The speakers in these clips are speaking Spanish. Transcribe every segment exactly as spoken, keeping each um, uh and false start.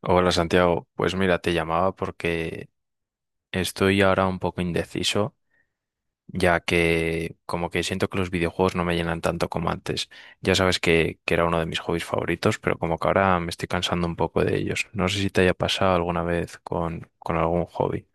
Hola Santiago, pues mira, te llamaba porque estoy ahora un poco indeciso, ya que como que siento que los videojuegos no me llenan tanto como antes. Ya sabes que, que era uno de mis hobbies favoritos, pero como que ahora me estoy cansando un poco de ellos. No sé si te haya pasado alguna vez con, con algún hobby.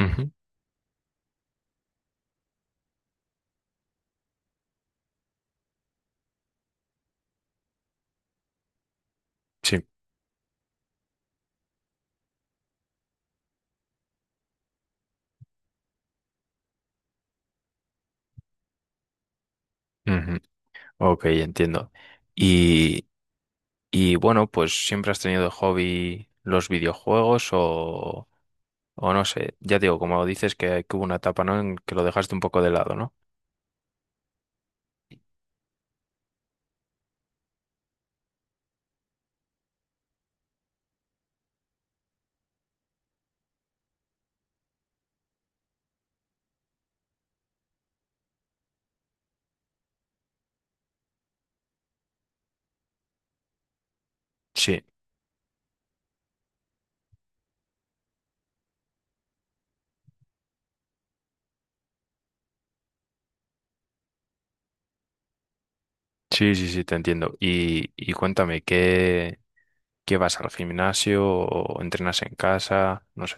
Ujú. Sí. Ujú. Ok, entiendo. Y, y bueno, pues siempre has tenido de hobby los videojuegos o, o no sé, ya digo, como dices que, que hubo una etapa, ¿no? En que lo dejaste un poco de lado, ¿no? Sí, sí, sí, sí, te entiendo. Y, y cuéntame, ¿qué, qué vas al gimnasio o entrenas en casa? No sé.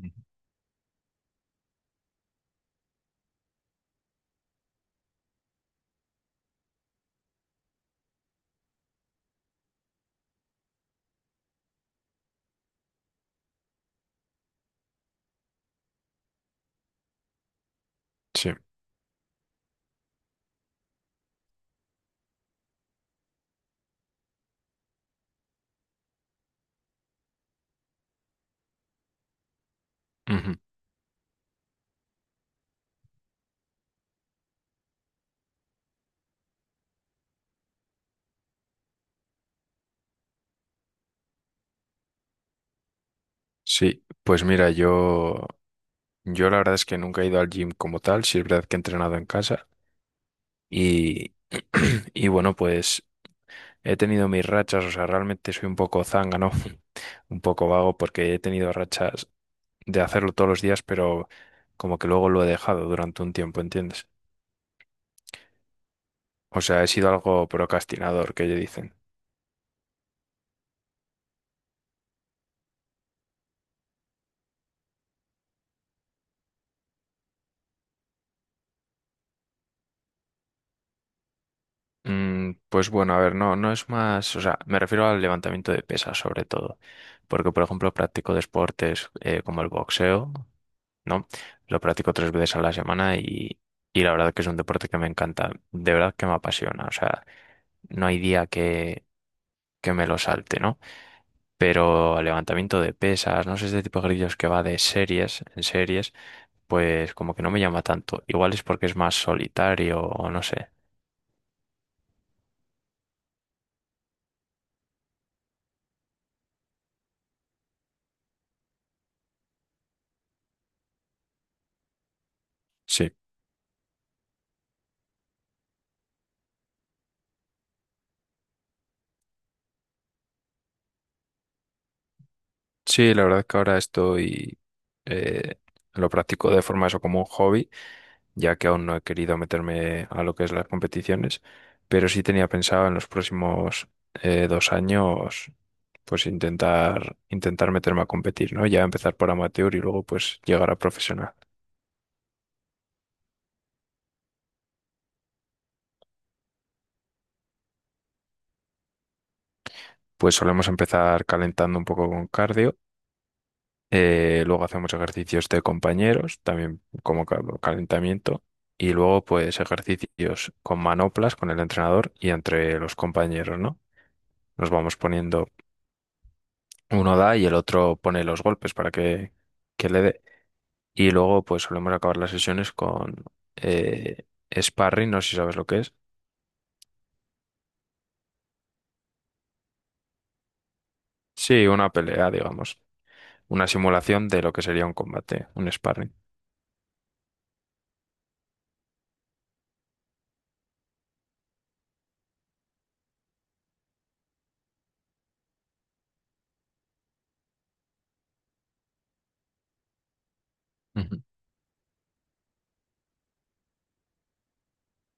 Ujú. Sí. Ujú. Sí, pues mira, yo, yo la verdad es que nunca he ido al gym como tal, sí es verdad que he entrenado en casa y, y bueno, pues he tenido mis rachas, o sea, realmente soy un poco zángano, un poco vago porque he tenido rachas de hacerlo todos los días, pero como que luego lo he dejado durante un tiempo, ¿entiendes? O sea, he sido algo procrastinador, que ellos dicen. Mm, Pues bueno, a ver, no, no es más, o sea, me refiero al levantamiento de pesas sobre todo, porque por ejemplo practico deportes eh, como el boxeo, ¿no? Lo practico tres veces a la semana y, y la verdad que es un deporte que me encanta, de verdad que me apasiona, o sea, no hay día que, que me lo salte, ¿no? Pero al levantamiento de pesas, no sé, este tipo de ejercicios que va de series en series, pues como que no me llama tanto, igual es porque es más solitario o no sé. Sí, sí, la verdad que ahora estoy... eh, lo practico de forma eso como un hobby, ya que aún no he querido meterme a lo que es las competiciones, pero sí tenía pensado en los próximos eh, dos años, pues intentar, intentar meterme a competir, ¿no? Ya empezar por amateur y luego pues llegar a profesional. Pues solemos empezar calentando un poco con cardio, eh, luego hacemos ejercicios de compañeros, también como ca- calentamiento. Y luego, pues, ejercicios con manoplas, con el entrenador y entre los compañeros, ¿no? Nos vamos poniendo, uno da y el otro pone los golpes para que, que le dé. Y luego pues solemos acabar las sesiones con eh, sparring, no sé si sabes lo que es. Sí, una pelea, digamos. Una simulación de lo que sería un combate, un sparring. Ujú.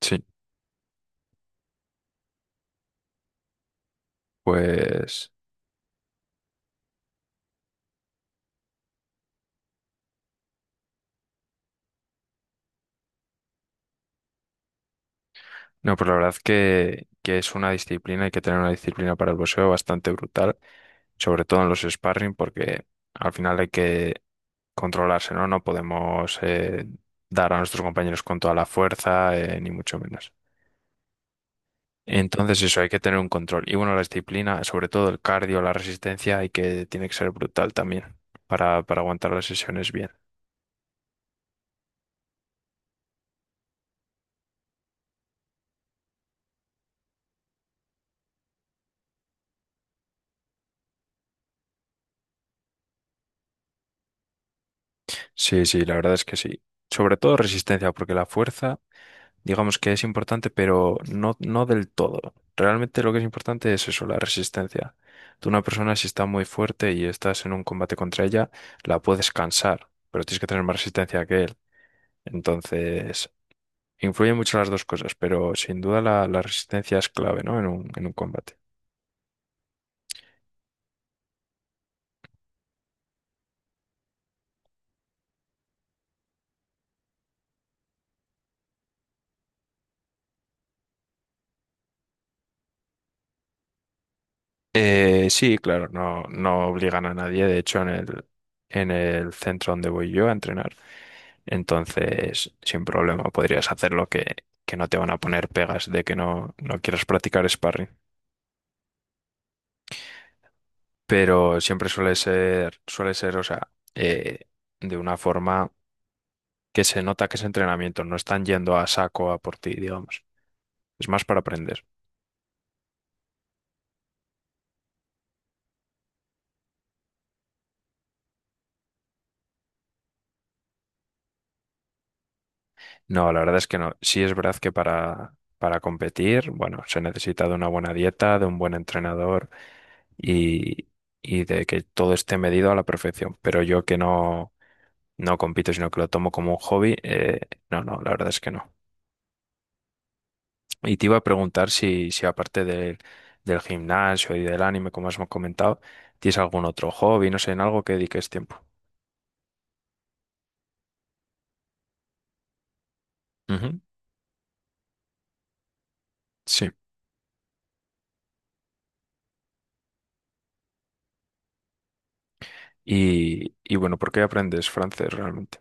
Sí, pues... No, pues la verdad que, que es una disciplina, hay que tener una disciplina para el boxeo bastante brutal, sobre todo en los sparring, porque al final hay que controlarse, ¿no? No podemos eh, dar a nuestros compañeros con toda la fuerza, eh, ni mucho menos. Entonces eso, hay que tener un control. Y bueno, la disciplina, sobre todo el cardio, la resistencia, hay que, tiene que ser brutal también para, para aguantar las sesiones bien. Sí, sí, la verdad es que sí. Sobre todo resistencia, porque la fuerza... digamos que es importante, pero no, no del todo. Realmente lo que es importante es eso, la resistencia. Tú una persona si está muy fuerte y estás en un combate contra ella, la puedes cansar, pero tienes que tener más resistencia que él. Entonces, influyen mucho las dos cosas, pero sin duda la, la resistencia es clave, ¿no? En un, en un combate. Eh, sí, claro, no, no obligan a nadie, de hecho, en el, en el centro donde voy yo a entrenar. Entonces, sin problema, podrías hacerlo que, que no te van a poner pegas de que no, no quieras practicar sparring. Pero siempre suele ser, suele ser, o sea, eh, de una forma que se nota que es entrenamiento, no están yendo a saco a por ti, digamos. Es más para aprender. No, la verdad es que no. Sí es verdad que para, para competir, bueno, se necesita de una buena dieta, de un buen entrenador y, y de que todo esté medido a la perfección. Pero yo que no, no compito, sino que lo tomo como un hobby, eh, no, no, la verdad es que no. Y te iba a preguntar si, si aparte del del gimnasio y del anime, como has comentado, ¿tienes algún otro hobby, no sé, en algo que dediques tiempo? Ujú. Sí. Y, y bueno, ¿por qué aprendes francés realmente?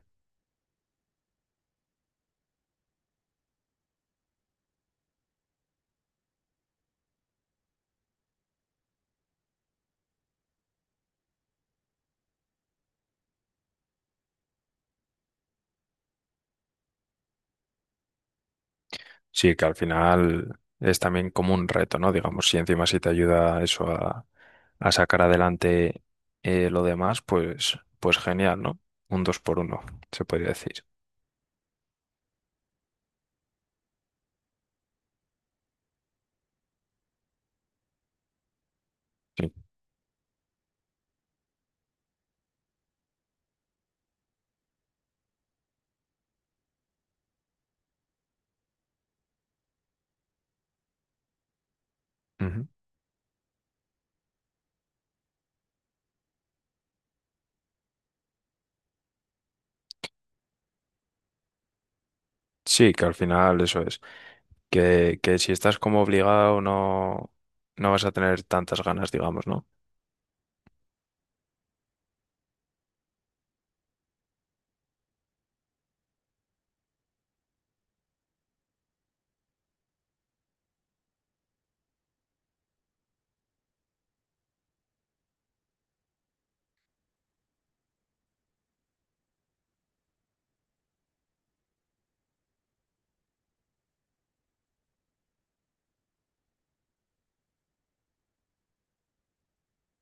Sí, que al final es también como un reto, ¿no? Digamos, si encima si te ayuda eso a, a sacar adelante eh, lo demás, pues, pues genial, ¿no? Un dos por uno, se podría decir. Sí. Ujú. Sí, que al final eso es. Que, que si estás como obligado no, no vas a tener tantas ganas, digamos, ¿no?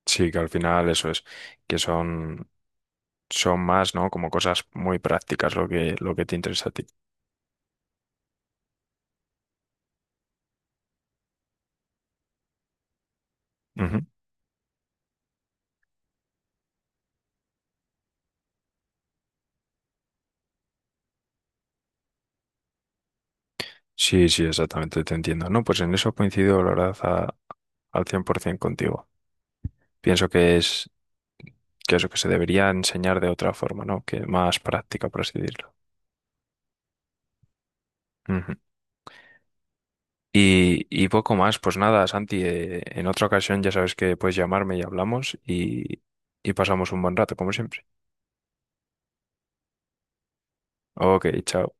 Sí, que al final eso es. Que son, son más, ¿no? Como cosas muy prácticas lo que, lo que te interesa a ti. Ujú. Sí, sí, exactamente, te entiendo. No, pues en eso coincido, la verdad, a- al cien por ciento contigo. Pienso que es que eso que se debería enseñar de otra forma, ¿no? Que más práctica, por así decirlo. Ujú. Y, y poco más, pues nada, Santi, eh, en otra ocasión ya sabes que puedes llamarme y hablamos y, y pasamos un buen rato, como siempre. Ok, chao.